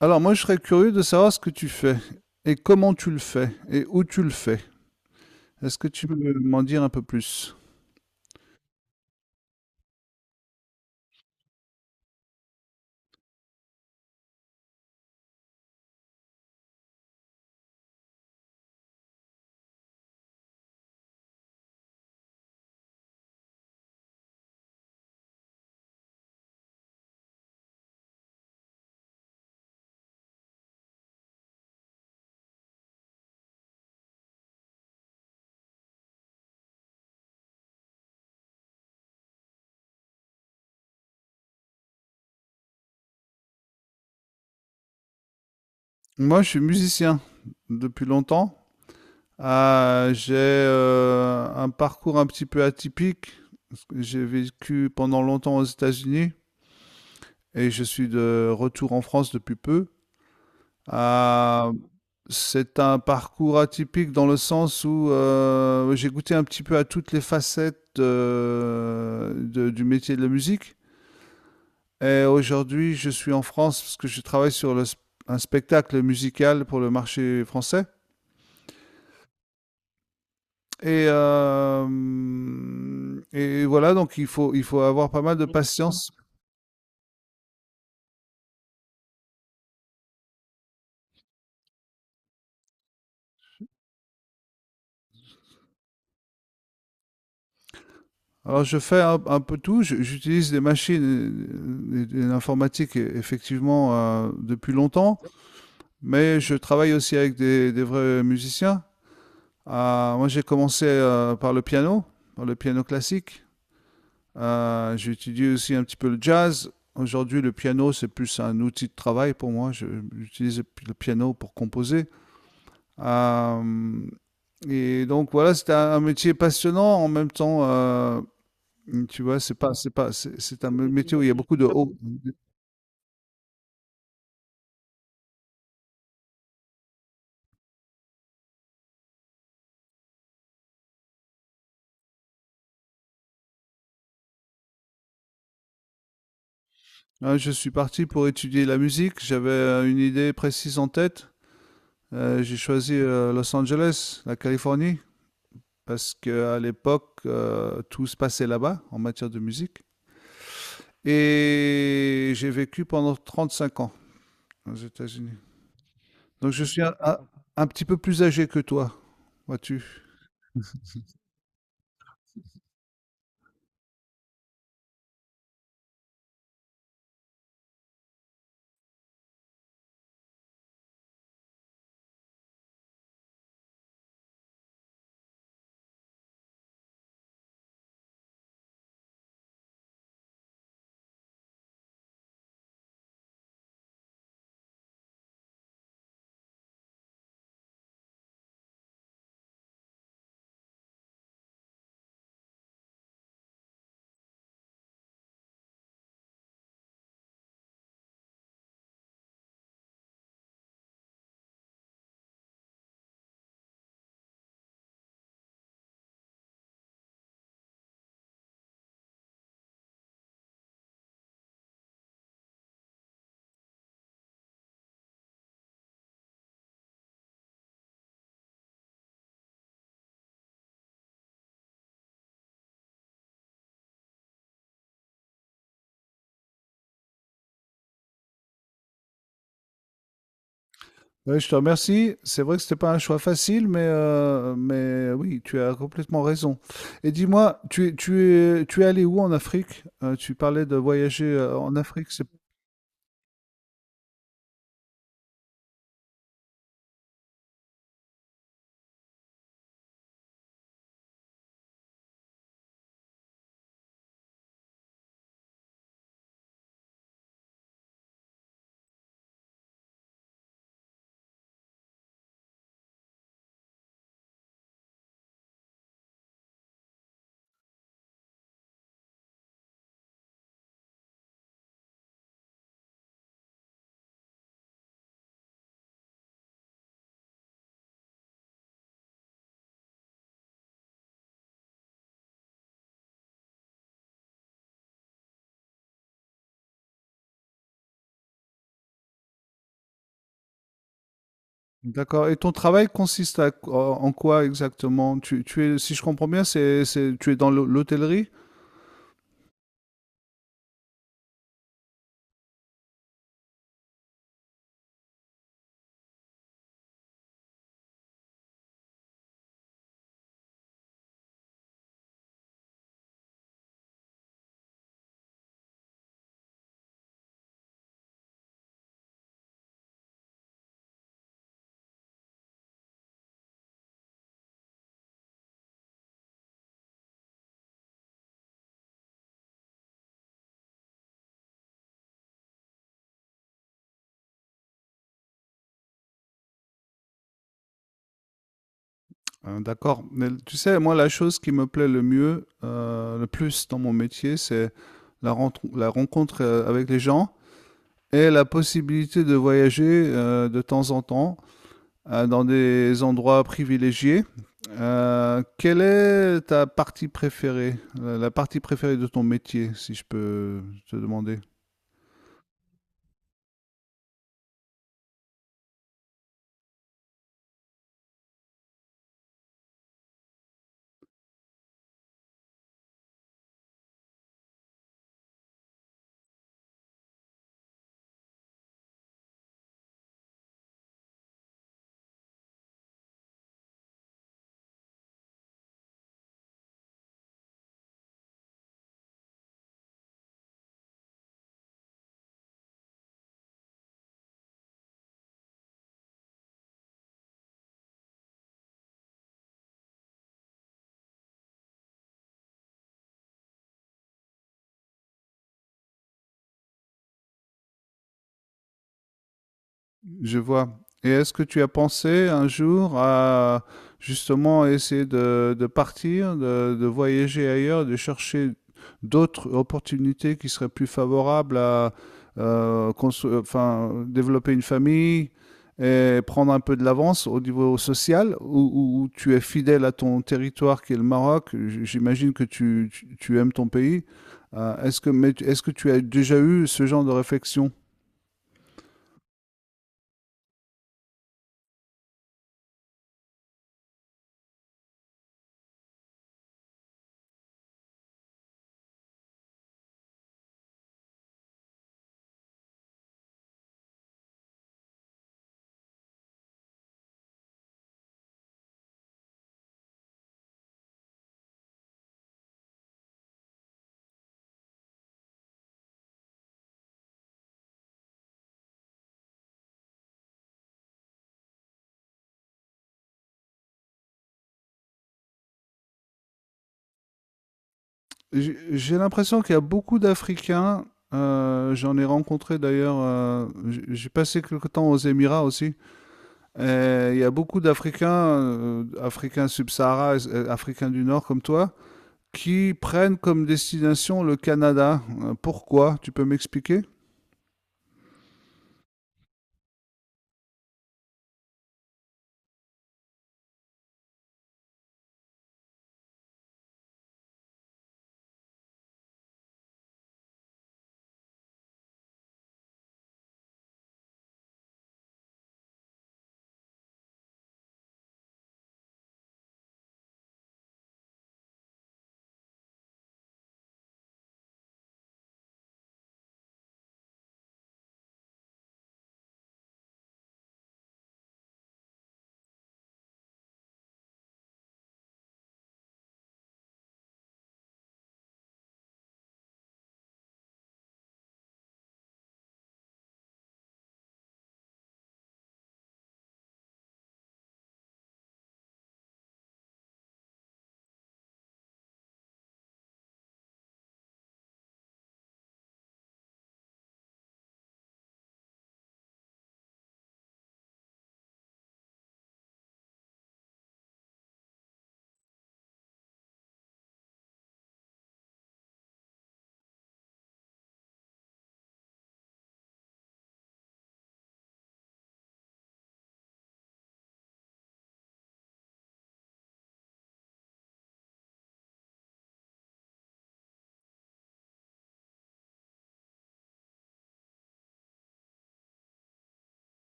Alors moi, je serais curieux de savoir ce que tu fais et comment tu le fais et où tu le fais. Est-ce que tu peux m'en dire un peu plus? Moi, je suis musicien depuis longtemps. Ah, j'ai un parcours un petit peu atypique. J'ai vécu pendant longtemps aux États-Unis et je suis de retour en France depuis peu. Ah, c'est un parcours atypique dans le sens où j'ai goûté un petit peu à toutes les facettes du métier de la musique. Et aujourd'hui, je suis en France parce que je travaille sur un spectacle musical pour le marché français. Et, euh, et voilà, donc il faut avoir pas mal de patience. Alors je fais un peu tout. J'utilise des machines et l'informatique effectivement depuis longtemps, mais je travaille aussi avec des vrais musiciens. Ah, moi j'ai commencé par le piano classique. J'ai aussi un petit peu le jazz. Aujourd'hui, le piano, c'est plus un outil de travail pour moi. J'utilise le piano pour composer. Euh, et donc, voilà, c'est un métier passionnant. En même temps, tu vois, c'est pas, c'est un métier où il y a beaucoup de hauts. Hein, je suis parti pour étudier la musique. J'avais une idée précise en tête. J'ai choisi Los Angeles, la Californie, parce qu'à l'époque, tout se passait là-bas en matière de musique. Et j'ai vécu pendant 35 ans aux États-Unis. Donc je suis un petit peu plus âgé que toi, vois-tu. Ouais, je te remercie. C'est vrai que c'était pas un choix facile, mais, mais oui, tu as complètement raison. Et dis-moi, tu es allé où en Afrique? Tu parlais de voyager en Afrique, c'est d'accord. Et ton travail consiste en en quoi exactement? Tu es, si je comprends bien, tu es dans l'hôtellerie? D'accord. Mais tu sais, moi, la chose qui me plaît le plus dans mon métier, c'est la rencontre avec les gens et la possibilité de voyager de temps en temps dans des endroits privilégiés. Quelle est ta partie préférée, la partie préférée de ton métier, si je peux te demander? Je vois. Et est-ce que tu as pensé un jour à justement essayer de partir, de voyager ailleurs, de chercher d'autres opportunités qui seraient plus favorables à enfin, développer une famille et prendre un peu de l'avance au niveau social, où tu es fidèle à ton territoire qui est le Maroc. J'imagine que tu aimes ton pays. Mais est-ce que tu as déjà eu ce genre de réflexion? J'ai l'impression qu'il y a beaucoup d'Africains. Euh, j'en ai rencontré d'ailleurs. J'ai passé quelque temps aux Émirats aussi. Et il y a beaucoup d'Africains, Africains subsahara, Africains du Nord comme toi, qui prennent comme destination le Canada. Pourquoi? Tu peux m'expliquer?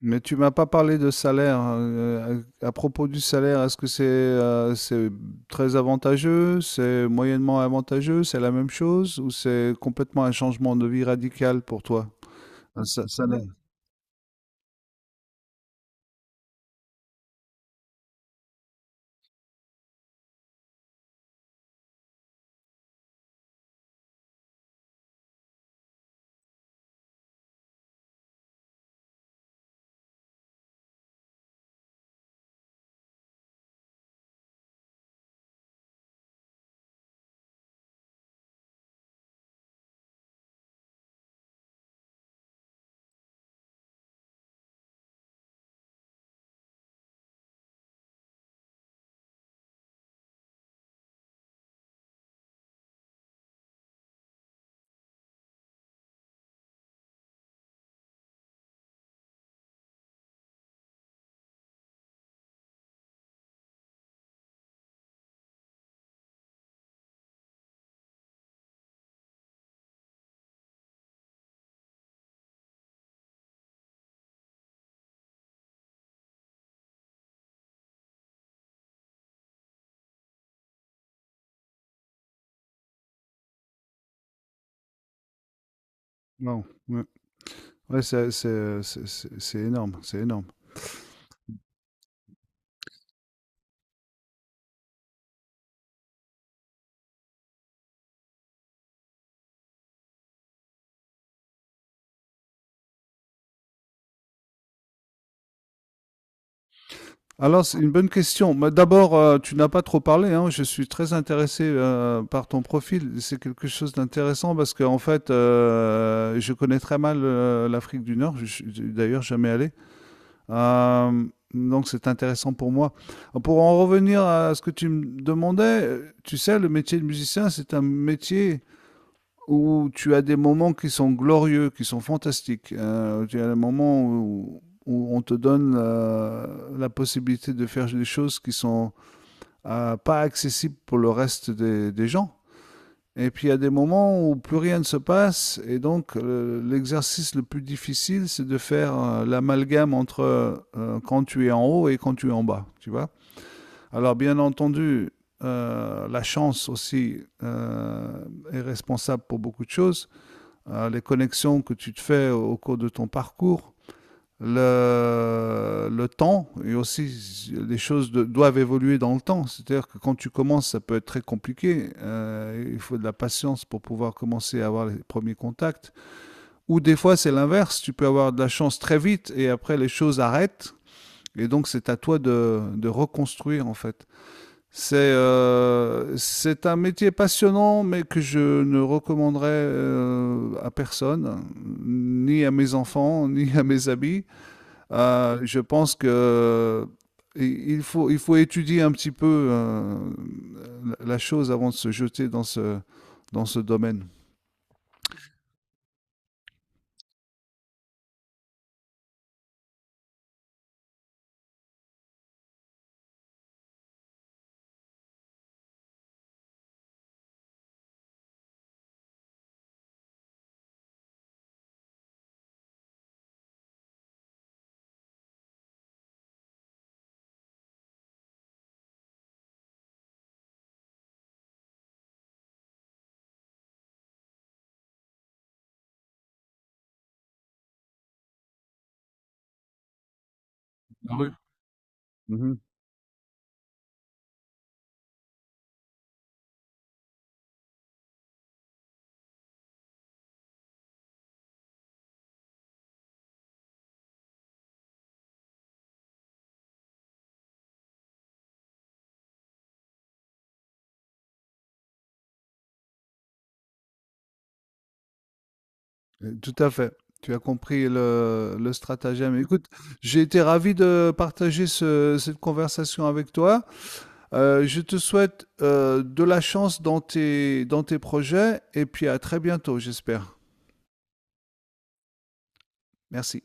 Mais tu m'as pas parlé de salaire, hein. À propos du salaire, est-ce que c'est très avantageux, c'est moyennement avantageux, c'est la même chose ou c'est complètement un changement de vie radical pour toi? Salaire. Non. Ouais, ouais, c'est énorme, c'est énorme. Alors, c'est une bonne question. Mais d'abord, tu n'as pas trop parlé, hein. Je suis très intéressé par ton profil. C'est quelque chose d'intéressant parce qu'en fait, je connais très mal l'Afrique du Nord. Je suis d'ailleurs jamais allé. Euh, donc c'est intéressant pour moi. Pour en revenir à ce que tu me demandais, tu sais, le métier de musicien, c'est un métier où tu as des moments qui sont glorieux, qui sont fantastiques. Tu as des moments où on te donne la possibilité de faire des choses qui sont pas accessibles pour le reste des gens. Et puis il y a des moments où plus rien ne se passe, et donc l'exercice le plus difficile, c'est de faire l'amalgame entre quand tu es en haut et quand tu es en bas, tu vois. Alors bien entendu, la chance aussi est responsable pour beaucoup de choses. Les connexions que tu te fais au cours de ton parcours, le temps et aussi doivent évoluer dans le temps. C'est-à-dire que quand tu commences, ça peut être très compliqué. Il faut de la patience pour pouvoir commencer à avoir les premiers contacts. Ou des fois, c'est l'inverse. Tu peux avoir de la chance très vite et après, les choses arrêtent. Et donc, c'est à toi de reconstruire, en fait. C'est un métier passionnant, mais que je ne recommanderais à personne, ni à mes enfants, ni à mes amis. Je pense que il faut étudier un petit peu la chose avant de se jeter dans dans ce domaine. Mhm. Tout à fait. Tu as compris le stratagème. Écoute, j'ai été ravi de partager cette conversation avec toi. Je te souhaite de la chance dans dans tes projets et puis à très bientôt, j'espère. Merci.